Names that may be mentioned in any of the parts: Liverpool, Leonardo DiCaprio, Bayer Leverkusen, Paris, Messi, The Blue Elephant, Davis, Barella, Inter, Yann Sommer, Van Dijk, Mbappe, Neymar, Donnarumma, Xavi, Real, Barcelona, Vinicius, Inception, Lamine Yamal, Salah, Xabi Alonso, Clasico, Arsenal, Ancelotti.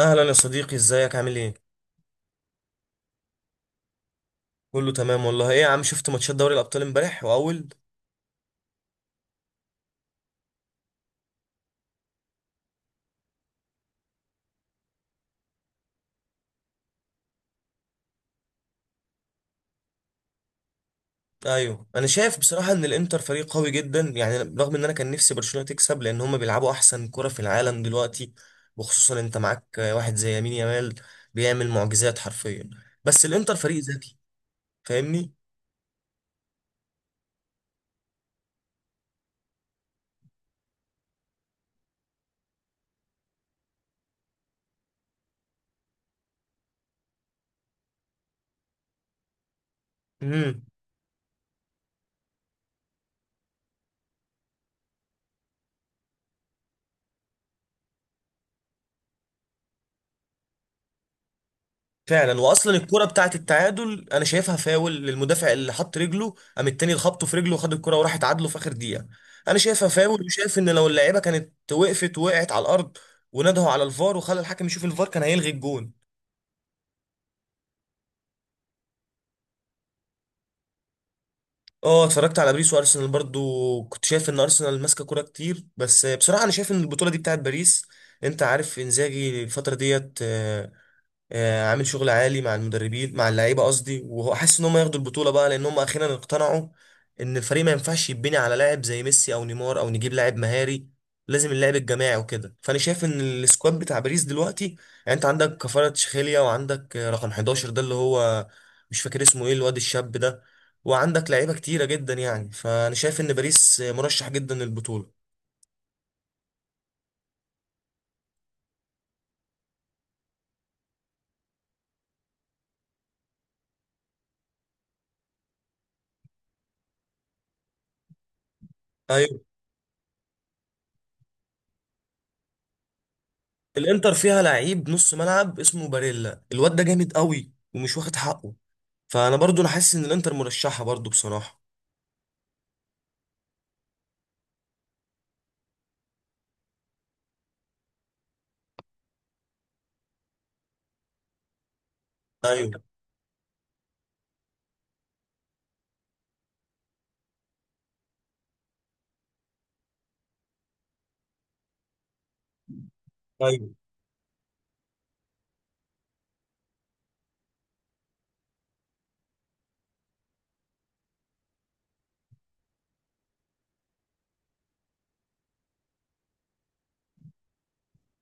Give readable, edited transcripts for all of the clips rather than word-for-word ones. اهلا يا صديقي، ازيك؟ عامل ايه؟ كله تمام والله. ايه يا عم، شفت ماتشات دوري الابطال امبارح واول؟ ايوه، انا شايف بصراحه ان الانتر فريق قوي جدا، يعني رغم ان انا كان نفسي برشلونه تكسب لان هم بيلعبوا احسن كره في العالم دلوقتي. وخصوصا انت معاك واحد زي يمين يامال بيعمل معجزات حرفيا. بس الانتر فريق ذكي، فاهمني؟ مم. فعلا، واصلا الكرة بتاعت التعادل انا شايفها فاول للمدافع اللي حط رجله، قام التاني خبطه في رجله وخد الكرة وراح اتعادلوا في اخر دقيقة. انا شايفها فاول، وشايف ان لو اللعيبة كانت وقفت وقعت على الارض ونادوا على الفار وخلى الحكم يشوف الفار كان هيلغي الجون. اه، اتفرجت على باريس وارسنال برضو. كنت شايف ان ارسنال ماسكة كرة كتير، بس بصراحة انا شايف ان البطولة دي بتاعت باريس. انت عارف انزاجي الفترة ديت، عامل شغل عالي مع المدربين مع اللعيبه، قصدي، وهو حاسس ان هم ياخدوا البطوله بقى، لان هم اخيرا اقتنعوا ان الفريق ما ينفعش يتبني على لاعب زي ميسي او نيمار او نجيب لاعب مهاري. لازم اللعب الجماعي وكده. فانا شايف ان السكواد بتاع باريس دلوقتي يعني انت عندك كفارة تشخيليا، وعندك رقم 11 ده اللي هو مش فاكر اسمه ايه، الواد الشاب ده، وعندك لعيبه كتيره جدا. يعني فانا شايف ان باريس مرشح جدا للبطوله. ايوه، الانتر فيها لعيب نص ملعب اسمه باريلا، الواد ده جامد قوي ومش واخد حقه. فانا برضو انا حاسس ان الانتر مرشحه برضو بصراحه. ايوه، ايوه،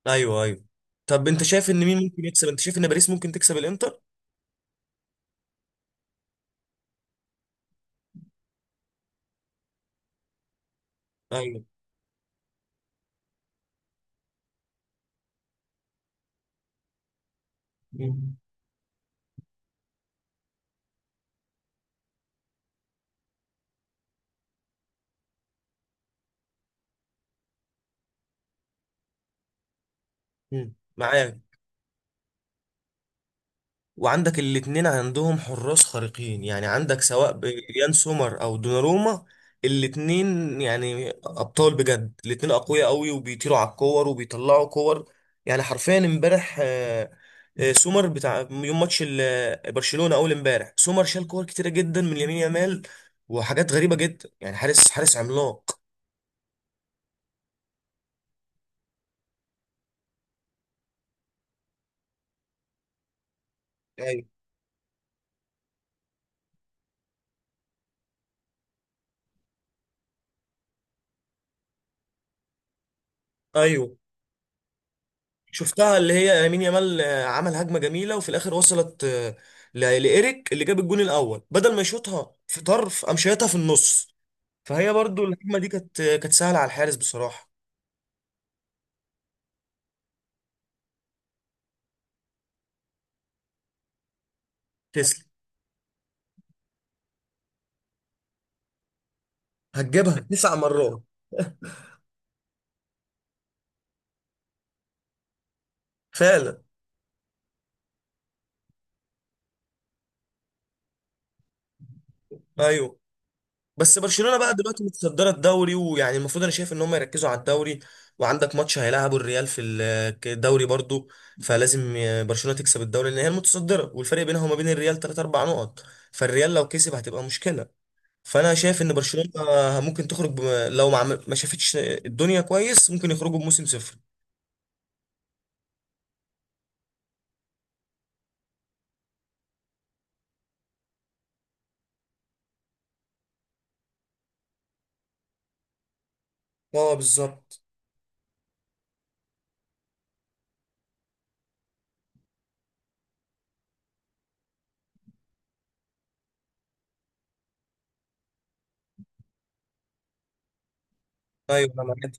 ايوه، ايوه. طب انت شايف ان مين ممكن يكسب؟ انت شايف ان باريس ممكن تكسب الانتر؟ ايوه. مم. مم. معاك. وعندك الاتنين عندهم حراس خارقين، يعني عندك سواء يان سومر او دوناروما. الاتنين يعني ابطال بجد، الاتنين اقوياء قوي وبيطيروا على الكور وبيطلعوا كور. يعني حرفيا امبارح، سومر بتاع يوم ماتش برشلونة اول امبارح، سومر شال كور كتيرة جدا من يمين يامال وحاجات غريبة جدا. يعني حارس حارس عملاق. ايوه، ايوه، شفتها اللي هي يمين يامال عمل هجمه جميله وفي الاخر وصلت لايريك، اللي جاب الجون الاول، بدل ما يشوطها في طرف قام شايطها في النص، فهي برضو الهجمه دي كانت كانت سهله على الحارس بصراحه. تسلم. هتجيبها 9 مرات. فعلا. ايوه. بس برشلونه بقى دلوقتي متصدره الدوري، ويعني المفروض انا شايف ان هم يركزوا على الدوري. وعندك ماتش هيلعبوا الريال في الدوري برضو. فلازم برشلونه تكسب الدوري لان هي المتصدره، والفرق بينها وما بين الريال 3 4 نقط. فالريال لو كسب هتبقى مشكله. فانا شايف ان برشلونه ممكن تخرج بم... لو ما, عمل... ما شافتش الدنيا كويس، ممكن يخرجوا بموسم صفر. اه بالظبط. ايوه انا معاك.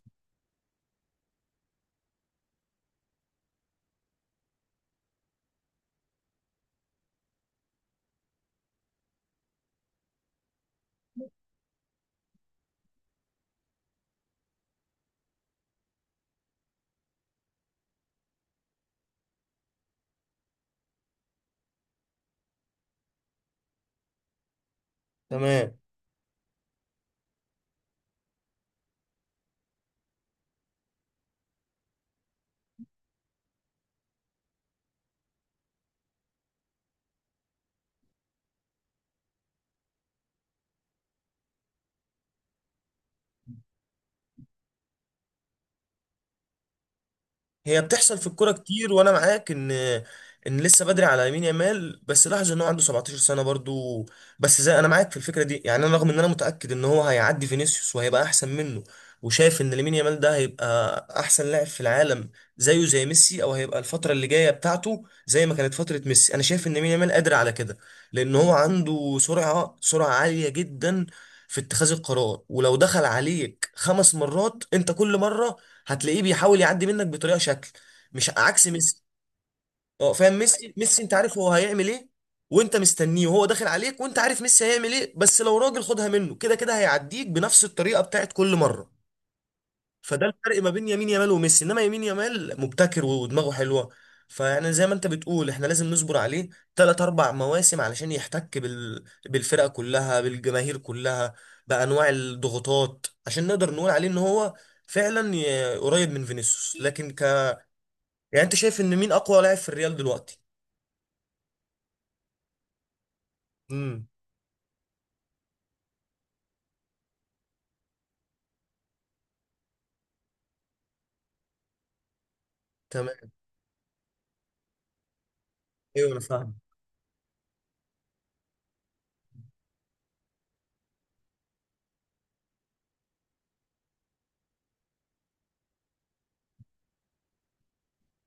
تمام. هي بتحصل في الكوره كتير، وانا معاك ان لسه بدري على يمين يامال، بس لاحظ ان هو عنده 17 سنه برضو. بس زي، انا معاك في الفكره دي، يعني انا رغم ان انا متاكد ان هو هيعدي فينيسيوس وهيبقى احسن منه، وشايف ان لامين يامال ده هيبقى احسن لاعب في العالم زيه زي ميسي، او هيبقى الفتره اللي جايه بتاعته زي ما كانت فتره ميسي. انا شايف ان لامين يامال قادر على كده لان هو عنده سرعه سرعه عاليه جدا في اتخاذ القرار. ولو دخل عليك 5 مرات انت، كل مره هتلاقيه بيحاول يعدي منك بطريقه شكل، مش عكس ميسي. اه فاهم، ميسي ميسي انت عارف هو هيعمل ايه، وانت مستنيه وهو داخل عليك وانت عارف ميسي هيعمل ايه، بس لو راجل خدها منه كده كده هيعديك بنفس الطريقه بتاعت كل مره. فده الفرق ما بين يمين يامال وميسي، انما يمين يامال مبتكر ودماغه حلوه. فيعني زي ما انت بتقول، احنا لازم نصبر عليه 3 4 مواسم علشان يحتك بالفرقه كلها، بالجماهير كلها، بانواع الضغوطات، عشان نقدر نقول عليه ان هو فعلا قريب من فينيسيوس، لكن. يعني انت شايف ان مين اقوى لاعب في الريال دلوقتي؟ امم تمام. ايوه انا فاهم.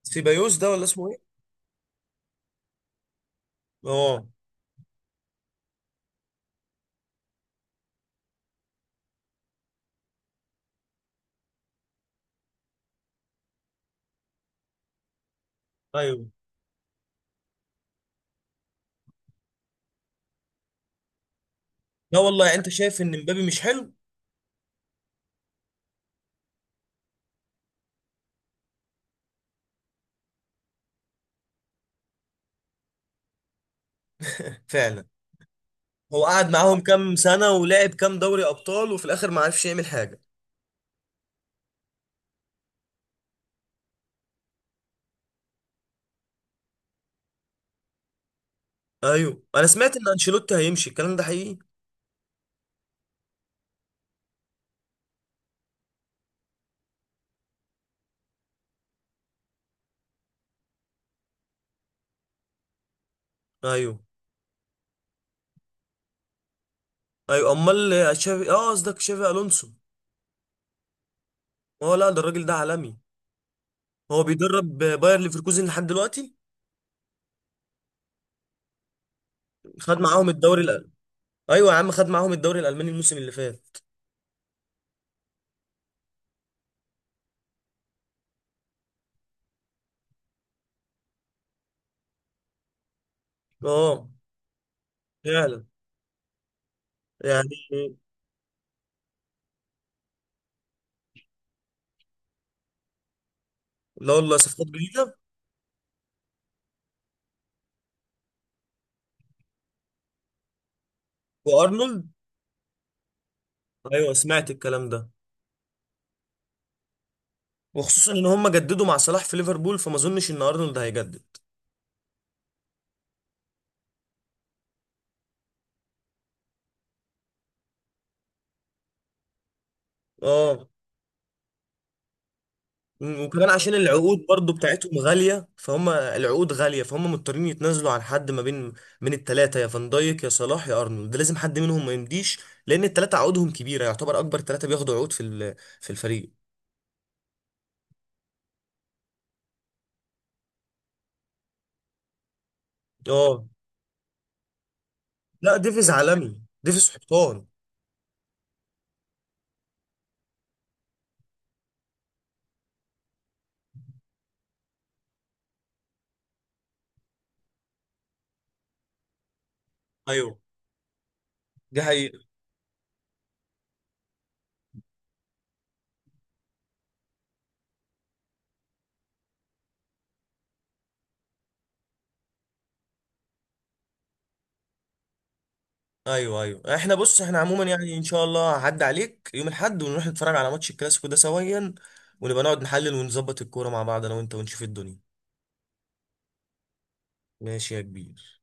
سيبايوس ده، ولا اسمه ايه؟ اه. ايوه. لا والله، يعني انت شايف ان مبابي مش حلو؟ فعلا. هو قعد معاهم كام سنه ولعب كام دوري ابطال وفي الاخر ما عرفش يعمل حاجه. ايوه، انا سمعت ان انشيلوتي هيمشي، الكلام ده حقيقي؟ ايوه ايوه. امال تشافي، اه قصدك تشافي الونسو. هو لا، ده الراجل ده عالمي. هو بيدرب باير ليفركوزن لحد دلوقتي. خد معاهم الدوري الألماني. ايوه يا عم، خد معاهم الدوري الالماني الموسم اللي فات. اه فعلا. يعني لا والله، صفقات جديده. وارنولد. ايوه سمعت الكلام ده. وخصوصا ان هم جددوا مع صلاح في ليفربول، فما اظنش ان ارنولد هيجدد. اه، وكمان عشان العقود برضو بتاعتهم غاليه، فهم العقود غاليه، فهم مضطرين يتنازلوا عن حد ما بين. من الثلاثه، يا فان دايك يا صلاح يا ارنولد، لازم حد منهم ما يمديش، لان الثلاثه عقودهم كبيره. يعتبر اكبر ثلاثه بياخدوا عقود في في الفريق. اه. لا، ديفيز عالمي، ديفيز حيطان. ايوه دي حقيقة. ايوه ايوه احنا، بص، احنا عموما يعني ان شاء الله هعدي عليك يوم الاحد ونروح نتفرج على ماتش الكلاسيكو ده سويا، ونبقى نقعد نحلل ونظبط الكوره مع بعض انا وانت ونشوف الدنيا. ماشي يا كبير.